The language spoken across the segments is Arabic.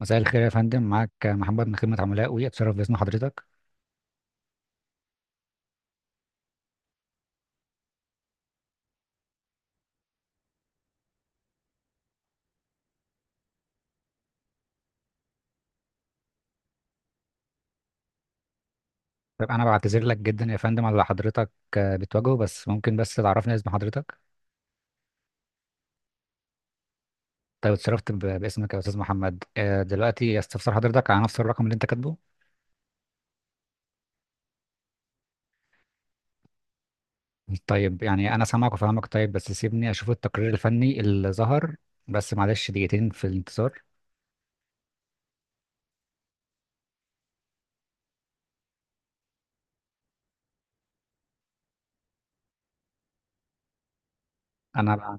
مساء الخير يا فندم، معاك محمد من خدمة عملاء وي، اتشرف باسم حضرتك. طيب، انا بعتذر لك جدا يا فندم على اللي حضرتك بتواجهه. بس ممكن تعرفني اسم حضرتك؟ طيب، اتشرفت باسمك يا استاذ محمد. دلوقتي، استفسر حضرتك على نفس الرقم اللي انت كاتبه؟ طيب يعني انا سامعك وفاهمك. طيب بس سيبني اشوف التقرير الفني اللي ظهر. بس معلش، دقيقتين في الانتظار. انا بع-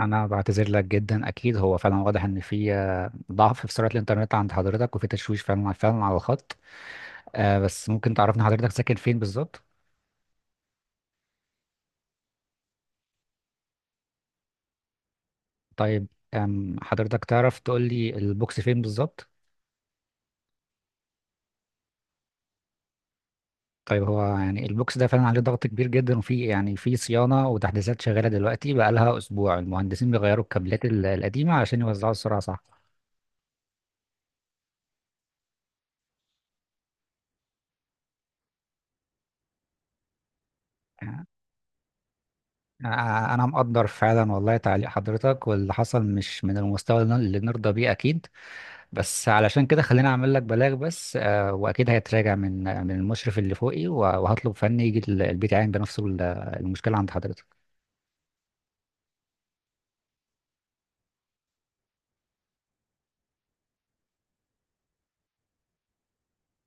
انا بعتذر لك جدا. اكيد هو فعلا واضح ان في ضعف في سرعة الانترنت عند حضرتك، وفي تشويش فعلا فعلا على الخط. بس ممكن تعرفني حضرتك ساكن فين بالظبط؟ طيب. حضرتك تعرف تقول لي البوكس فين بالظبط؟ طيب، هو يعني البوكس ده فعلا عليه ضغط كبير جدا، وفي يعني في صيانة وتحديثات شغالة دلوقتي بقالها أسبوع. المهندسين بيغيروا الكابلات القديمة عشان يوزعوا السرعة، صح؟ يعني أنا مقدر فعلا والله، تعليق حضرتك واللي حصل مش من المستوى اللي نرضى بيه أكيد. بس علشان كده خليني أعمل لك بلاغ بس، وأكيد هيتراجع من المشرف اللي فوقي، وهطلب فني يجي البيت يعاين بنفسه المشكلة عند حضرتك.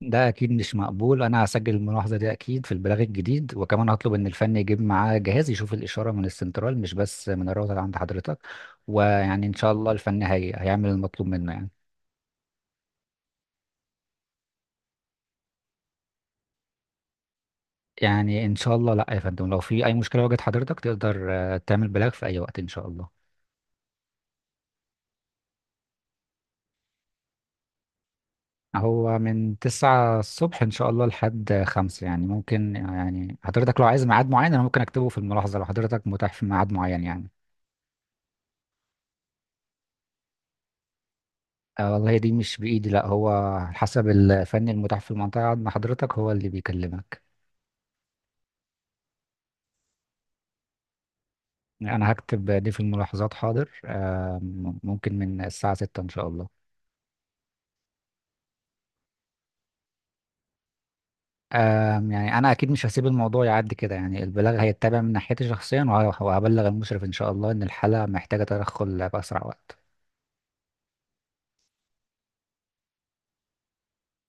ده اكيد مش مقبول. انا هسجل الملاحظه دي اكيد في البلاغ الجديد، وكمان هطلب ان الفني يجيب معاه جهاز يشوف الاشاره من السنترال، مش بس من الراوتر عند حضرتك. ويعني ان شاء الله الفني هيعمل المطلوب منه يعني. يعني ان شاء الله. لا يا فندم، لو في اي مشكله واجهت حضرتك تقدر تعمل بلاغ في اي وقت ان شاء الله. هو من 9 الصبح ان شاء الله لحد 5 يعني. ممكن يعني حضرتك لو عايز ميعاد معين، انا ممكن اكتبه في الملاحظه لو حضرتك متاح في ميعاد معين يعني. آه والله دي مش بإيدي، لا هو على حسب الفني المتاح في المنطقة عند حضرتك، هو اللي بيكلمك. أنا هكتب دي في الملاحظات، حاضر. ممكن من الساعة ستة إن شاء الله. يعني أنا أكيد مش هسيب الموضوع يعدي كده يعني. البلاغ هيتبع من ناحيتي شخصيا، وهبلغ المشرف إن شاء الله إن الحالة محتاجة تدخل بأسرع وقت.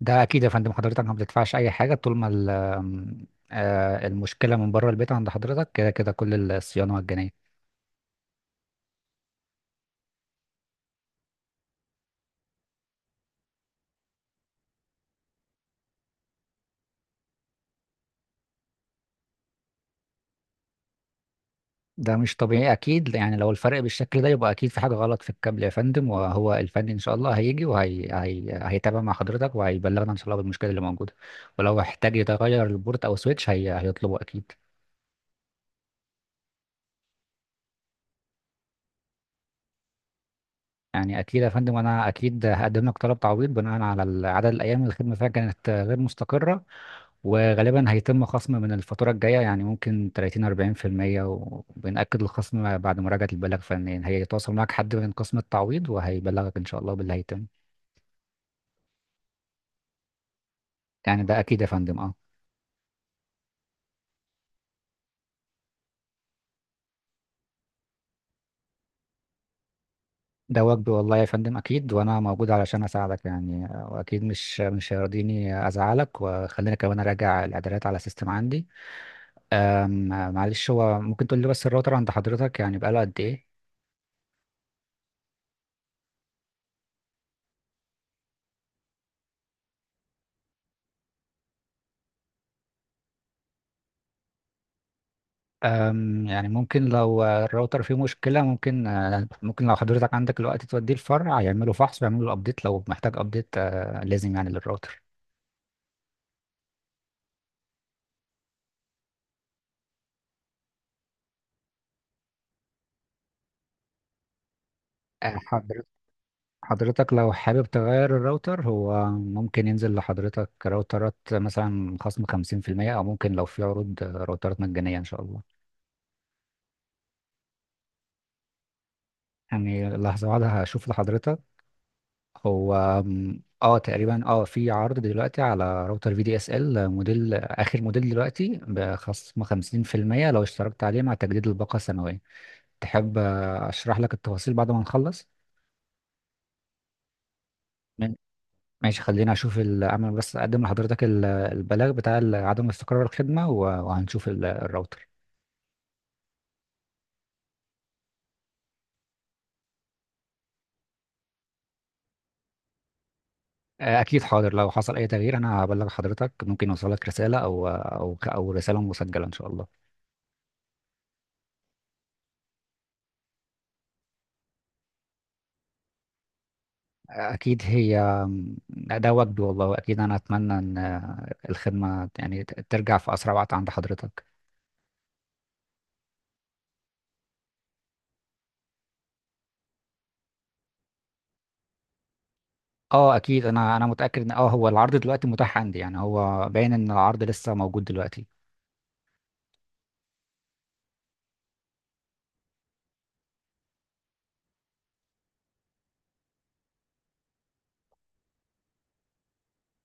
ده أكيد يا فندم. حضرتك ما بتدفعش أي حاجة طول ما ال- آم، آه، المشكلة من بره البيت عند حضرتك، كده كده كل الصيانة مجانية. ده مش طبيعي اكيد. يعني لو الفرق بالشكل ده يبقى اكيد في حاجه غلط في الكابل يا فندم. وهو الفني ان شاء الله هيجي وهي هي... هيتابع مع حضرتك، وهيبلغنا ان شاء الله بالمشكله اللي موجوده. ولو احتاج يتغير البورت او سويتش، هيطلبه اكيد. يعني اكيد يا فندم، انا اكيد هقدم لك طلب تعويض بناء على عدد الايام اللي الخدمه فيها كانت غير مستقره. وغالبا هيتم خصم من الفاتوره الجايه، يعني ممكن 30 40%، وبنأكد الخصم بعد مراجعه البلاغ فنيا. هيتواصل معك حد من قسم التعويض، وهيبلغك ان شاء الله باللي هيتم. يعني ده اكيد يا فندم، اه. ده واجبي والله يا فندم اكيد، وانا موجود علشان اساعدك يعني. واكيد مش هيرضيني ازعلك. وخلينا كمان اراجع الاعدادات على السيستم عندي. أم، آه، معلش، هو ممكن تقول لي بس الراوتر عند حضرتك يعني بقاله قد ايه؟ يعني ممكن لو الراوتر فيه مشكلة، ممكن ممكن لو حضرتك عندك الوقت توديه الفرع يعملوا فحص ويعملوا له ابديت لو محتاج ابديت، لازم يعني للراوتر. آه، حضرتك حضرتك لو حابب تغير الراوتر، هو ممكن ينزل لحضرتك راوترات مثلا خصم 50%، أو ممكن لو في عروض راوترات مجانية إن شاء الله. يعني لحظة واحدة، هشوف لحضرتك. هو اه تقريبا اه في عرض دلوقتي على راوتر في دي اس ال موديل، آخر موديل دلوقتي بخصم 50%، لو اشتركت عليه مع تجديد الباقة سنوية. تحب أشرح لك التفاصيل بعد ما نخلص؟ ماشي، اعمل بس اقدم لحضرتك البلاغ بتاع عدم استقرار الخدمه، وهنشوف الراوتر. اكيد حاضر، لو حصل اي تغيير انا هبلغ حضرتك. ممكن يوصلك رساله او رساله مسجله ان شاء الله. اكيد هي. ده وجدي والله، واكيد انا اتمنى ان الخدمه يعني ترجع في اسرع وقت عند حضرتك. اه اكيد، انا متاكد ان هو العرض دلوقتي متاح عندي. يعني هو باين ان العرض لسه موجود دلوقتي.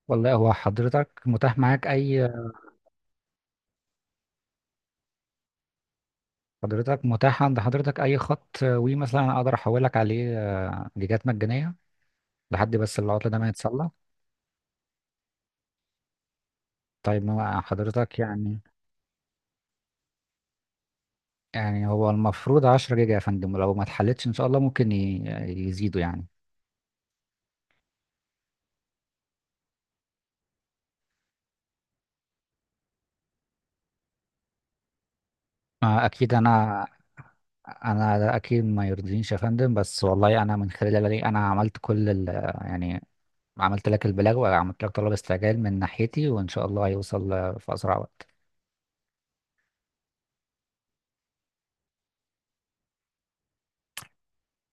والله، هو حضرتك متاح معاك اي. حضرتك متاح عند حضرتك اي خط وي مثلا اقدر احولك عليه؟ جيجات مجانيه لحد بس العطل ده ما يتسلى. طيب ما حضرتك يعني. يعني هو المفروض 10 جيجا يا فندم، ولو ما اتحلتش ان شاء الله ممكن يزيدوا يعني. اكيد انا. انا، ده اكيد ما يرضينيش يا فندم، بس والله انا من خلال اللي انا عملت كل ال. يعني عملت لك البلاغ، وعملت لك طلب استعجال من ناحيتي، وان شاء الله هيوصل في اسرع وقت.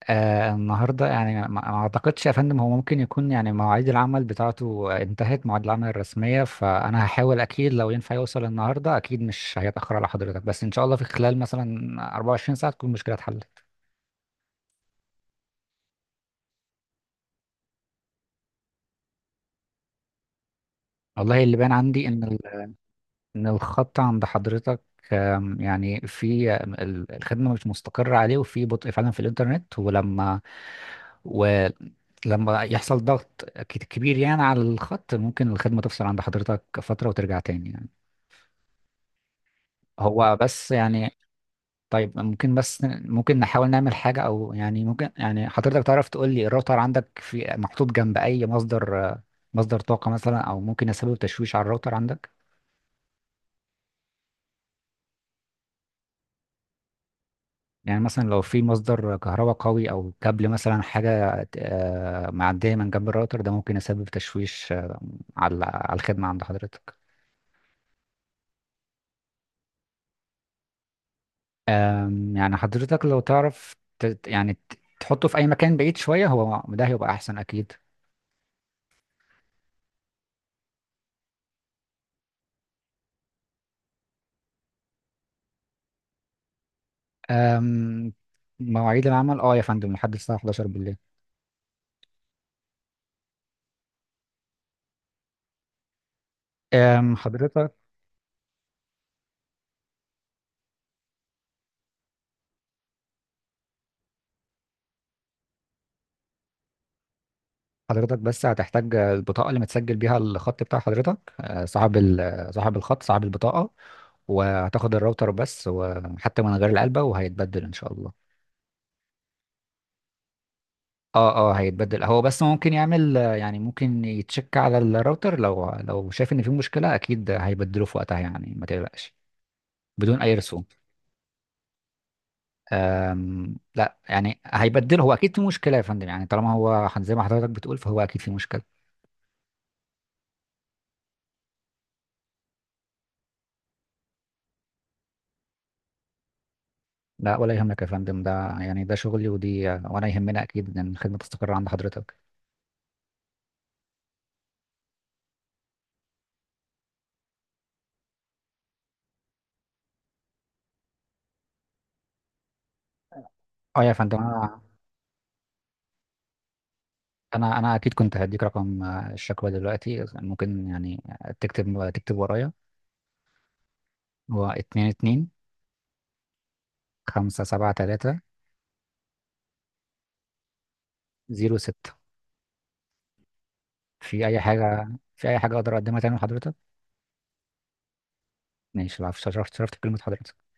آه النهارده يعني، ما اعتقدش يا فندم. هو ممكن يكون يعني مواعيد العمل بتاعته انتهت، مواعيد العمل الرسميه. فانا هحاول اكيد، لو ينفع يوصل النهارده اكيد مش هيتاخر على حضرتك، بس ان شاء الله في خلال مثلا 24 ساعه تكون المشكله اتحلت. والله اللي باين عندي ان الخط عند حضرتك. يعني في الخدمه مش مستقره عليه، وفي بطء فعلا في الانترنت، و لما يحصل ضغط كبير يعني على الخط، ممكن الخدمة تفصل عند حضرتك فترة وترجع تاني يعني. هو بس يعني. طيب، ممكن نحاول نعمل حاجة أو يعني ممكن، يعني حضرتك تعرف تقول لي الراوتر عندك في محطوط جنب أي مصدر، مصدر طاقة مثلا أو ممكن يسبب تشويش على الراوتر عندك؟ يعني مثلا لو في مصدر كهرباء قوي أو كابل مثلا حاجة معدية من جنب الراوتر ده، ممكن يسبب تشويش على الخدمة عند حضرتك. يعني حضرتك لو تعرف تحطه في أي مكان بعيد شوية، هو ده هيبقى أحسن أكيد. أم، مواعيد العمل اه يا فندم لحد الساعة 11 بالليل. أم، حضرتك حضرتك بس هتحتاج البطاقة اللي متسجل بيها الخط بتاع حضرتك. صاحب صاحب الخط، صاحب البطاقة. وهتاخد الراوتر بس وحتى من غير العلبة، وهيتبدل ان شاء الله. اه اه، هيتبدل. هو بس ممكن يعمل يعني، ممكن يتشك على الراوتر، لو شايف ان في مشكلة اكيد هيبدله في وقتها يعني، ما تقلقش. بدون اي رسوم. لا يعني هيبدله، هو اكيد في مشكله يا فندم يعني، طالما هو زي ما حضرتك بتقول فهو اكيد في مشكله. لا ولا يهمك يا فندم، ده يعني ده شغلي ودي، وانا يهمنا اكيد ان الخدمه تستقر عند حضرتك. اه يا فندم، انا. انا اكيد كنت هديك رقم الشكوى دلوقتي. ممكن يعني تكتب تكتب ورايا. هو 2257306. في اي حاجه؟ في اي حاجه اقدر اقدمها تاني لحضرتك؟ ماشي، العفو. شرفت شرفت بكلمه حضرتك.